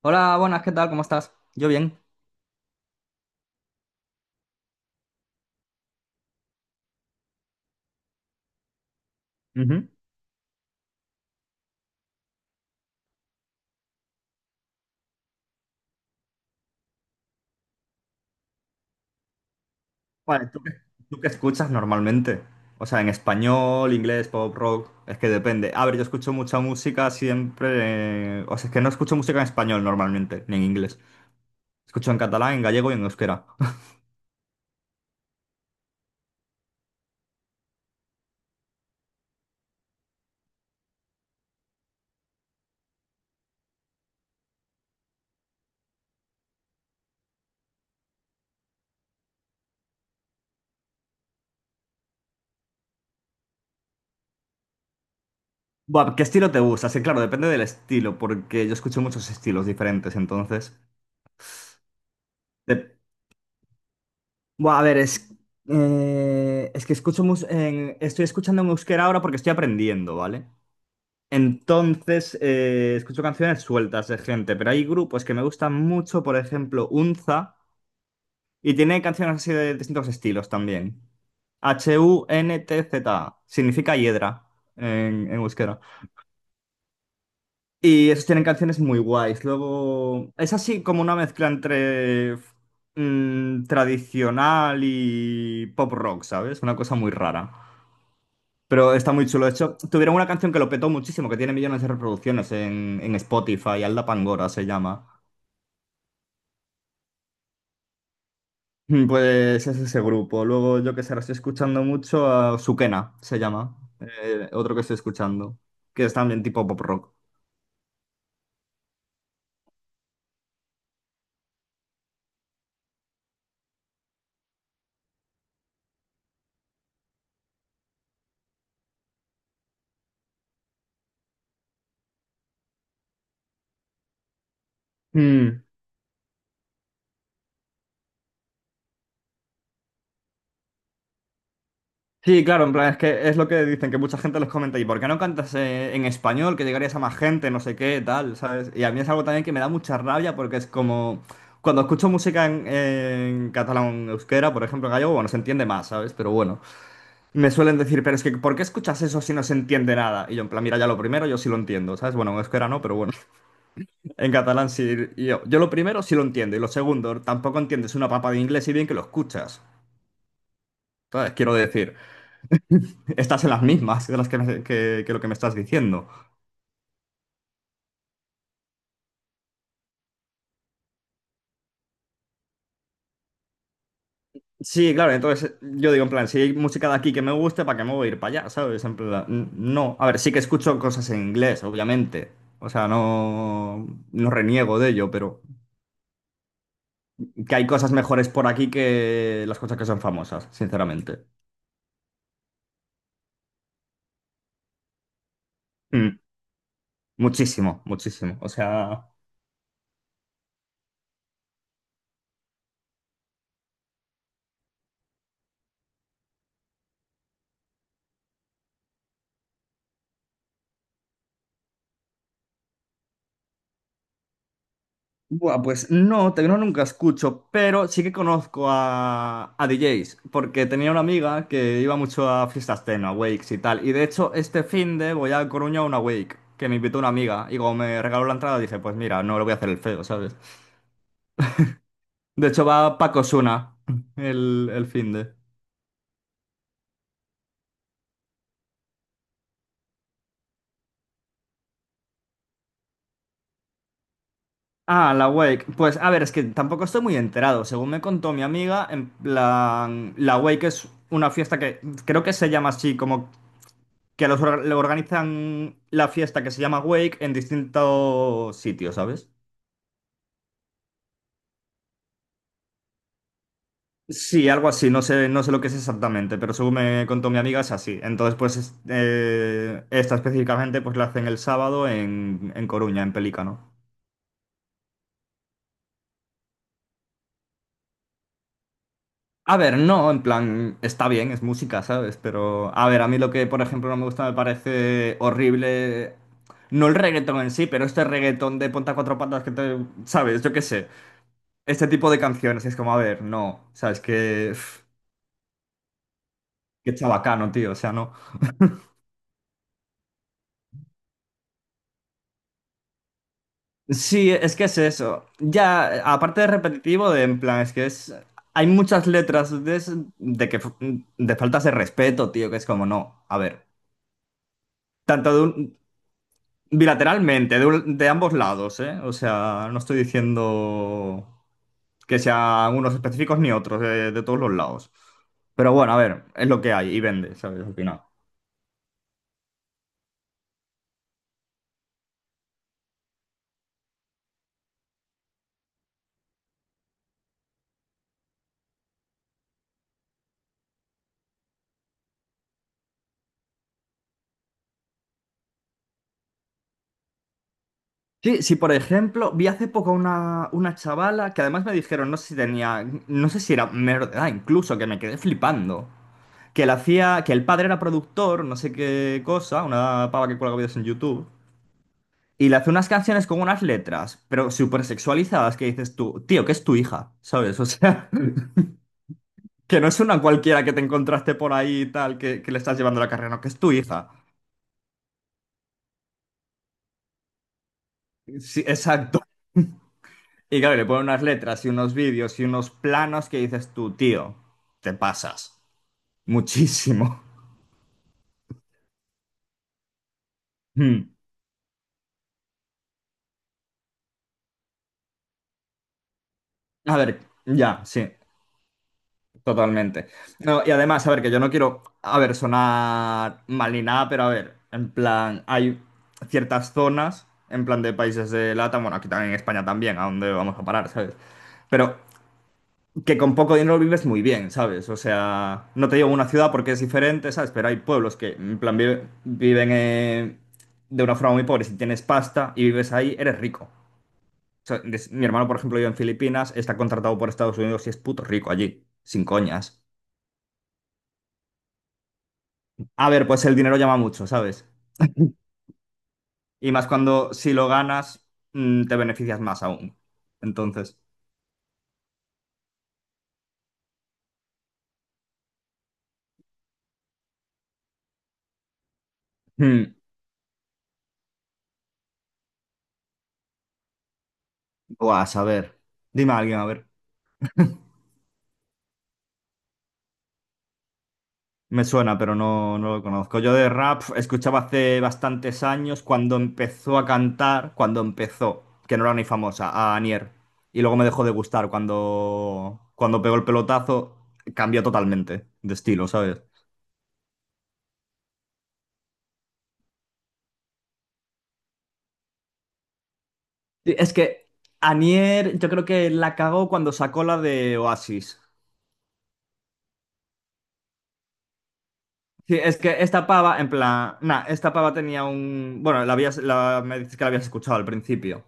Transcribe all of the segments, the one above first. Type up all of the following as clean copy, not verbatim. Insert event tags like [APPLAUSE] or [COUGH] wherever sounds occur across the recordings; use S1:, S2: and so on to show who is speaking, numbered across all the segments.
S1: Hola, buenas, ¿qué tal? ¿Cómo estás? Yo bien. Ujú. Vale, ¿tú qué escuchas normalmente? O sea, en español, inglés, pop, rock, es que depende. A ver, yo escucho mucha música siempre. O sea, es que no escucho música en español normalmente, ni en inglés. Escucho en catalán, en gallego y en euskera. [LAUGHS] Buah, ¿qué estilo te gusta? Sí, claro, depende del estilo, porque yo escucho muchos estilos diferentes, entonces. de- Buah, a ver, es. Es que escucho Estoy escuchando en euskera ahora porque estoy aprendiendo, ¿vale? Entonces, escucho canciones sueltas de gente, pero hay grupos que me gustan mucho, por ejemplo, Unza, y tiene canciones así de distintos estilos también. HUNTZ, significa hiedra en euskera. Y esos tienen canciones muy guays. Luego, es así como una mezcla entre tradicional y pop rock, ¿sabes? Una cosa muy rara. Pero está muy chulo. De hecho, tuvieron una canción que lo petó muchísimo, que tiene millones de reproducciones en Spotify, Alda Pangora se llama. Pues es ese grupo. Luego yo que sé, ahora estoy escuchando mucho a Sukena, se llama. Otro que estoy escuchando, que es también tipo pop rock. Mm. Sí, claro, en plan, es que es lo que dicen, que mucha gente les comenta, ¿y por qué no cantas en español? Que llegarías a más gente, no sé qué, tal, ¿sabes? Y a mí es algo también que me da mucha rabia porque es como, cuando escucho música en catalán, euskera, por ejemplo, en gallego, bueno, se entiende más, ¿sabes? Pero bueno, me suelen decir, pero es que, ¿por qué escuchas eso si no se entiende nada? Y yo, en plan, mira, ya lo primero yo sí lo entiendo, ¿sabes? Bueno, en euskera no, pero bueno, [LAUGHS] en catalán sí, y yo lo primero sí lo entiendo, y lo segundo, tampoco entiendes una papa de inglés y bien que lo escuchas, ¿sabes? Quiero decir. Estás en las mismas de las que, que lo que me estás diciendo. Sí, claro, entonces yo digo, en plan, si hay música de aquí que me guste, ¿para qué me voy a ir para allá? ¿Sabes? En plan, no. A ver, sí que escucho cosas en inglés, obviamente. O sea, no, no reniego de ello, pero que hay cosas mejores por aquí que las cosas que son famosas, sinceramente. Mm, Muchísimo, muchísimo. O sea. Buah, pues no, tecno nunca escucho, pero sí que conozco a DJs, porque tenía una amiga que iba mucho a fiestas techno, a wakes y tal. Y de hecho, este finde voy a Coruña a una wake, que me invitó una amiga. Y como me regaló la entrada, dije, pues mira, no le voy a hacer el feo, ¿sabes? De hecho, va Paco Suna [LAUGHS] el finde. Ah, la Wake. Pues a ver, es que tampoco estoy muy enterado. Según me contó mi amiga, en plan, la Wake es una fiesta que creo que se llama así como que los le organizan la fiesta que se llama Wake en distintos sitios, ¿sabes? Sí, algo así, no sé lo que es exactamente, pero según me contó mi amiga es así. Entonces, pues esta específicamente pues la hacen el sábado en Coruña, en Pelícano. A ver, no, en plan, está bien, es música, ¿sabes? Pero, a ver, a mí lo que, por ejemplo, no me gusta, me parece horrible, no el reggaetón en sí, pero este reggaetón de ponta cuatro patas que te, ¿sabes? Yo qué sé. Este tipo de canciones. Y es como, a ver, no. O sea, es que. Qué chabacano, tío. O sea, no. Sí, es que es eso. Ya, aparte de repetitivo, de en plan, es que es. Hay muchas letras de, de que de faltas de respeto, tío, que es como, no. A ver. Tanto de bilateralmente, de, de ambos lados, ¿eh? O sea, no estoy diciendo que sean unos específicos ni otros, de todos los lados. Pero bueno, a ver, es lo que hay y vende, ¿sabes? Al final. Sí, sí, por ejemplo, vi hace poco una chavala que además me dijeron, no sé si tenía, no sé si era menor de edad, incluso, que me quedé flipando. Que le hacía, que el padre era productor, no sé qué cosa, una pava que cuelga vídeos en YouTube, y le hace unas canciones con unas letras, pero súper sexualizadas, que dices tú, tío, que es tu hija, ¿sabes? O sea, [LAUGHS] que no es una cualquiera que te encontraste por ahí y tal, que le estás llevando la carrera, no, que es tu hija. Sí, exacto. Y claro, le ponen unas letras y unos vídeos y unos planos que dices tú, tío, te pasas muchísimo. [LAUGHS] Mm. A ver, ya, sí, totalmente. No, y además, a ver, que yo no quiero, a ver, sonar mal ni nada, pero a ver, en plan, hay ciertas zonas, en plan de países de LATAM, bueno, aquí también en España también, a dónde vamos a parar, ¿sabes? Pero que con poco dinero vives muy bien, ¿sabes? O sea, no te digo una ciudad porque es diferente, ¿sabes? Pero hay pueblos que, en plan, viven de una forma muy pobre. Si tienes pasta y vives ahí, eres rico. O sea, mi hermano, por ejemplo, vive en Filipinas, está contratado por Estados Unidos y es puto rico allí, sin coñas. A ver, pues el dinero llama mucho, ¿sabes? Y más cuando si lo ganas, te beneficias más aún. Entonces, hmm, buah, a saber. Dime a alguien, a ver. Me suena, pero no, no lo conozco. Yo de rap escuchaba hace bastantes años cuando empezó a cantar, cuando empezó, que no era ni famosa, a Anier. Y luego me dejó de gustar cuando pegó el pelotazo, cambió totalmente de estilo, ¿sabes? Sí, es que Anier yo creo que la cagó cuando sacó la de Oasis. Sí, es que esta pava, en plan, nah, esta pava tenía un... Bueno, la habías, me dices que la habías escuchado al principio.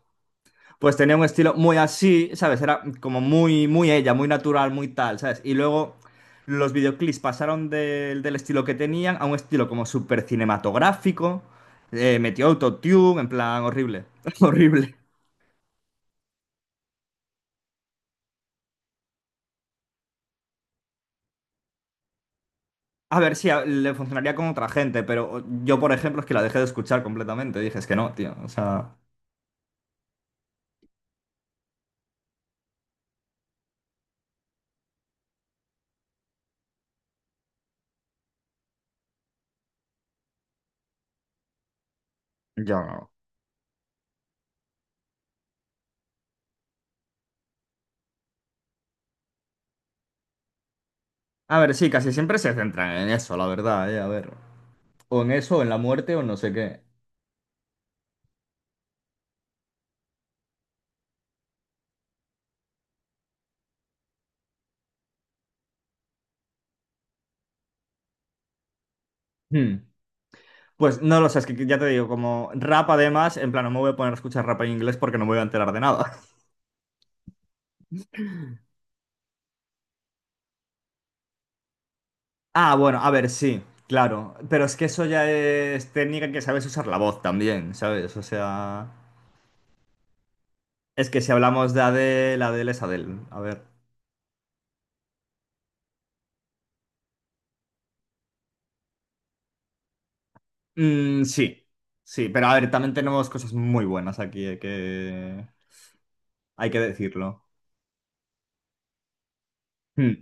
S1: Pues tenía un estilo muy así, ¿sabes? Era como muy, muy ella, muy natural, muy tal, ¿sabes? Y luego los videoclips pasaron del estilo que tenían a un estilo como súper cinematográfico. Metió autotune, en plan horrible, [LAUGHS] horrible. A ver, sí, le funcionaría con otra gente, pero yo, por ejemplo, es que la dejé de escuchar completamente. Dije, es que no, tío, o sea... Yo no. A ver, sí, casi siempre se centran en eso, la verdad, a ver. O en eso, o en la muerte, o no sé qué. Hmm. Pues no lo sé, es que ya te digo, como rap además, en plan, no me voy a poner a escuchar rap en inglés porque no me voy a enterar de nada. [LAUGHS] Ah, bueno, a ver, sí, claro, pero es que eso ya es técnica que sabes usar la voz también, ¿sabes? O sea, es que si hablamos de Adele, Adele es Adele, a ver. Mm, sí, sí, pero a ver, también tenemos cosas muy buenas aquí, hay que decirlo. Hmm.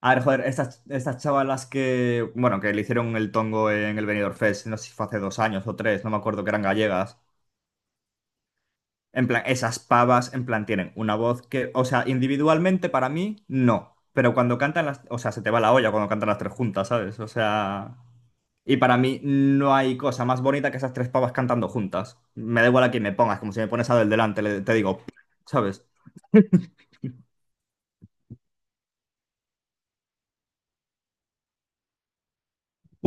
S1: A ver, joder, estas chavalas que, bueno, que le hicieron el tongo en el Benidorm Fest, no sé si fue hace 2 años o 3, no me acuerdo que eran gallegas. En plan, esas pavas, en plan, tienen una voz que, o sea, individualmente para mí, no. Pero cuando cantan las, o sea, se te va la olla cuando cantan las tres juntas, ¿sabes? O sea, y para mí no hay cosa más bonita que esas tres pavas cantando juntas. Me da igual a quién me pongas, como si me pones a del delante, te digo, ¿sabes?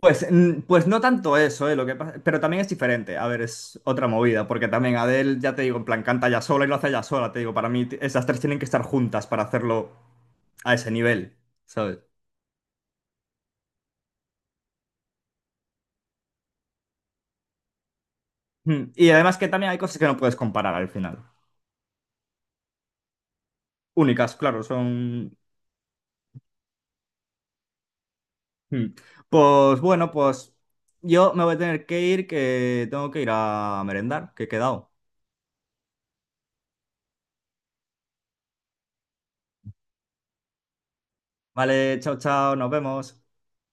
S1: Pues no tanto eso, ¿eh? Pero también es diferente. A ver, es otra movida, porque también Adele, ya te digo, en plan, canta ya sola y lo hace ya sola, te digo, para mí esas tres tienen que estar juntas para hacerlo a ese nivel, ¿sabes? Y además que también hay cosas que no puedes comparar al final. Únicas, claro, son... Mm. Pues bueno, pues yo me voy a tener que ir, que tengo que ir a merendar, que he quedado. Vale, chao, chao, nos vemos.